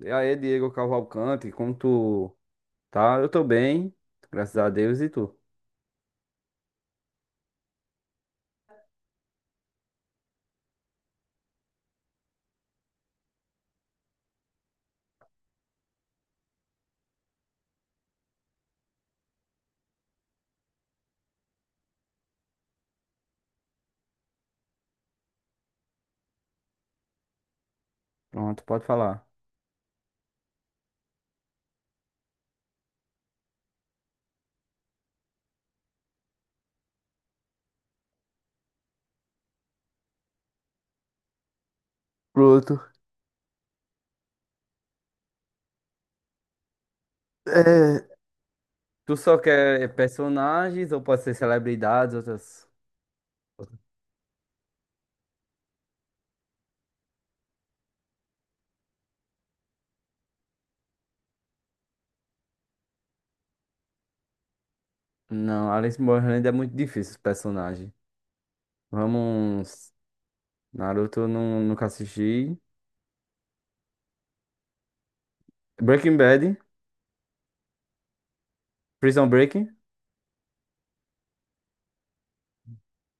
E aí, Diego Cavalcante, como tu tá? Eu tô bem, graças a Deus, e tu? Pronto, pode falar. Pronto. É, tu só quer personagens ou pode ser celebridades, outras? Não, Alice Borland é muito difícil, esse personagem. Vamos. Naruto, não, nunca assisti. Breaking Bad, Prison Break.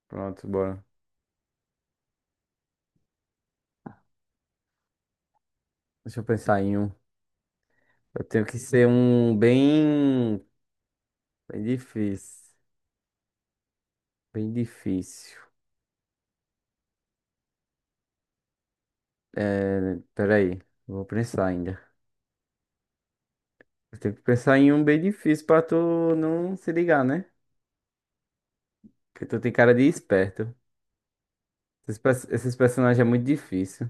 Pronto, bora. Deixa eu pensar em um. Eu tenho que ser um bem. Bem difícil. Bem difícil. É, peraí, vou pensar ainda. Tem que pensar em um bem difícil pra tu não se ligar, né? Porque tu tem cara de esperto. Esses personagens é muito difícil.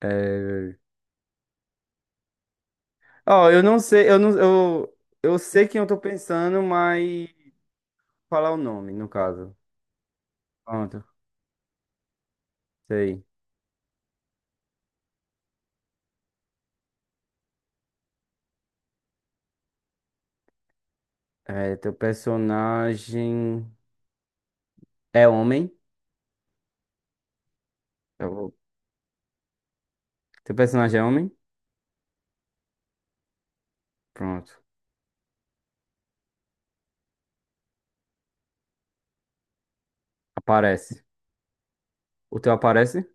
É... Ó, eu não sei, eu não, eu sei quem eu tô pensando, mas falar o nome, no caso. Pronto, sei. É, teu personagem é homem? Eu vou- Teu personagem é homem? Pronto. Aparece. O teu aparece?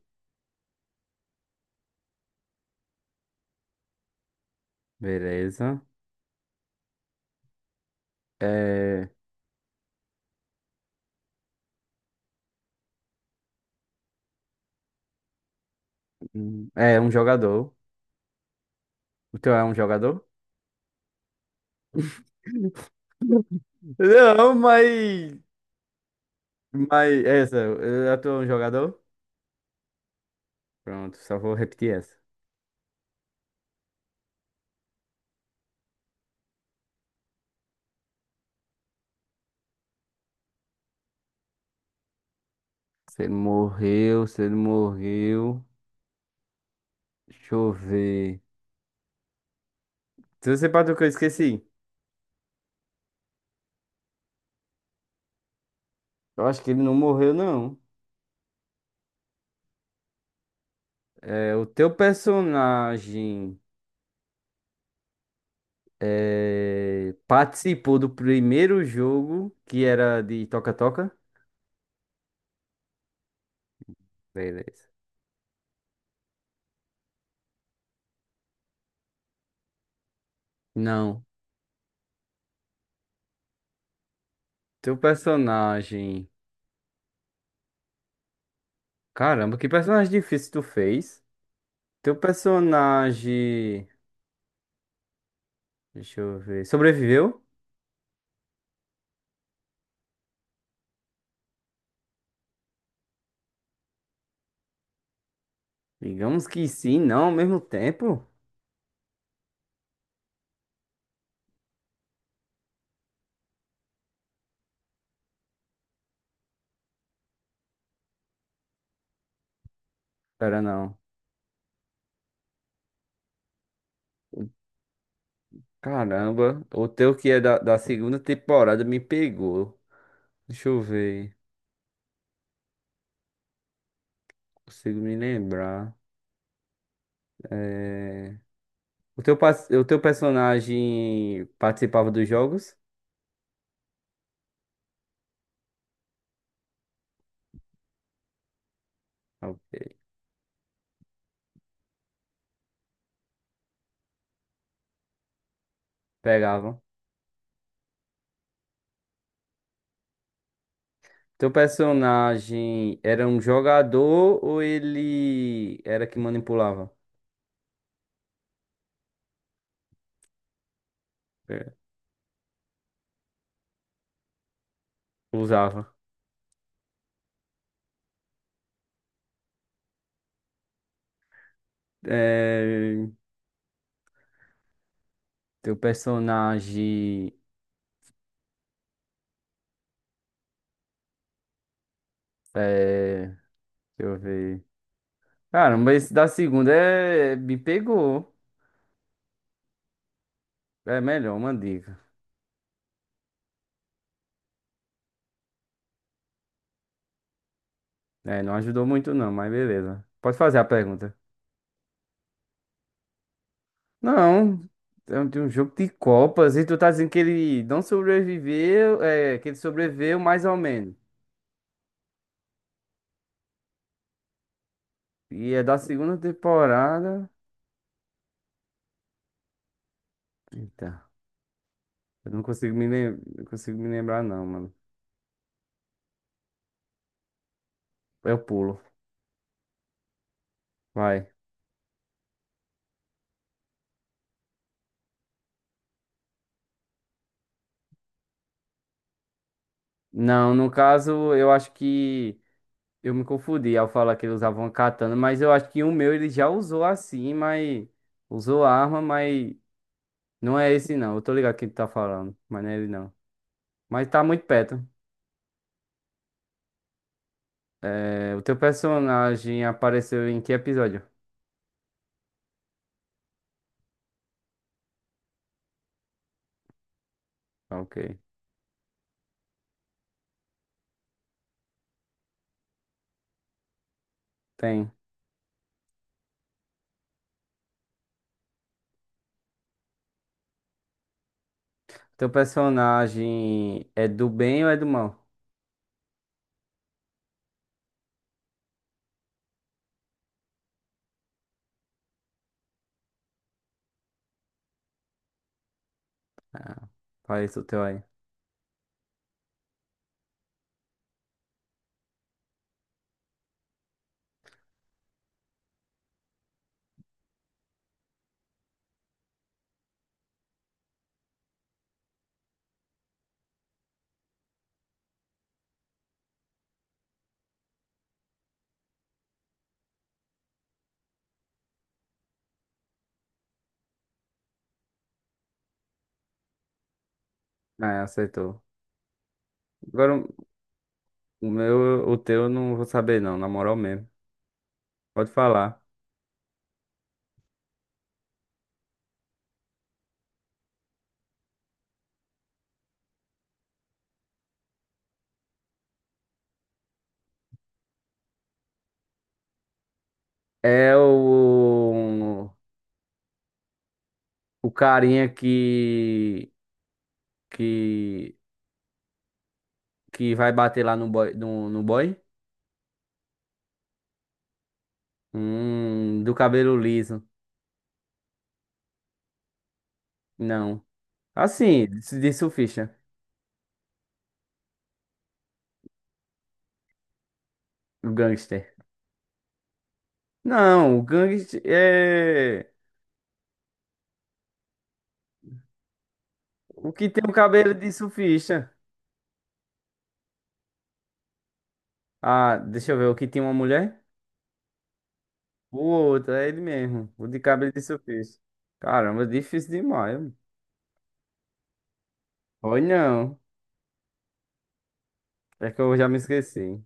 Beleza. É, é um jogador. O teu é um jogador? Não, mas é essa, eu atuo um jogador? Pronto, só vou repetir essa. Se ele morreu, se ele morreu. Deixa eu ver. Se você para do que eu esqueci. Eu acho que ele não morreu, não. É, o teu personagem participou do primeiro jogo que era de toca-toca? Beleza. Não. Teu personagem. Caramba, que personagem difícil tu fez? Teu personagem. Deixa eu ver. Sobreviveu? Digamos que sim, não ao mesmo tempo. Pera, não. Caramba, o teu que é da segunda temporada me pegou. Deixa eu ver, consigo me lembrar. O teu personagem participava dos jogos? Eu Pegava. Teu personagem era um jogador ou ele era que manipulava? É, usava. É, teu personagem. É, deixa eu ver. Caramba, esse da segunda me pegou. É melhor, uma dica. É, não ajudou muito não, mas beleza. Pode fazer a pergunta. Não, é um de um jogo de Copas e tu tá dizendo que ele não sobreviveu, que ele sobreviveu mais ou menos. E é da segunda temporada. Eita, eu não consigo me lembrar não, mano. Eu pulo, vai. Não, no caso, eu acho que. Eu me confundi ao falar que ele usava uma katana, mas eu acho que o meu ele já usou assim, mas usou a arma, mas não é esse não. Eu tô ligado quem tu tá falando, mas não é ele não. Mas tá muito perto. É, o teu personagem apareceu em que episódio? Ok. Tem. O teu personagem é do bem ou é do mal? Fala isso o teu aí. Ah, acertou. Agora o meu, o teu eu não vou saber não, na moral mesmo. Pode falar. É o carinha que que que vai bater lá no boy, no boy? Do cabelo liso. Não. Assim, de surfista, o gangster. Não, o gangster é o que tem o cabelo de surfista. Ah, deixa eu ver, o que tem uma mulher? O outro, é ele mesmo, o de cabelo de surfista. Caramba, difícil demais, mano. Foi não. É que eu já me esqueci.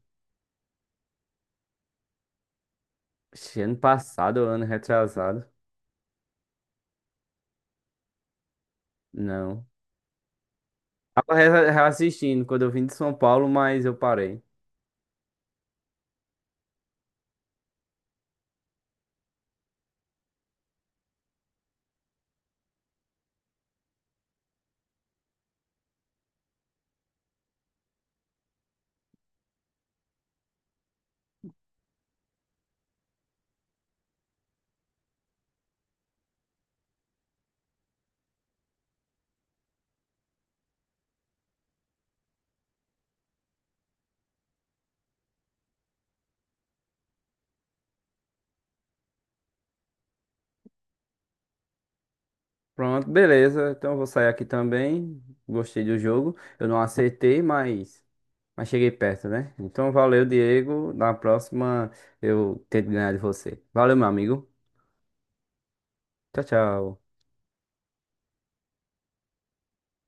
Ixi, ano passado, ano retrasado. Não. Tava reassistindo quando eu vim de São Paulo, mas eu parei. Pronto, beleza. Então eu vou sair aqui também. Gostei do jogo. Eu não acertei, mas, cheguei perto, né? Então valeu, Diego. Na próxima eu tento ganhar de você. Valeu, meu amigo. Tchau, tchau.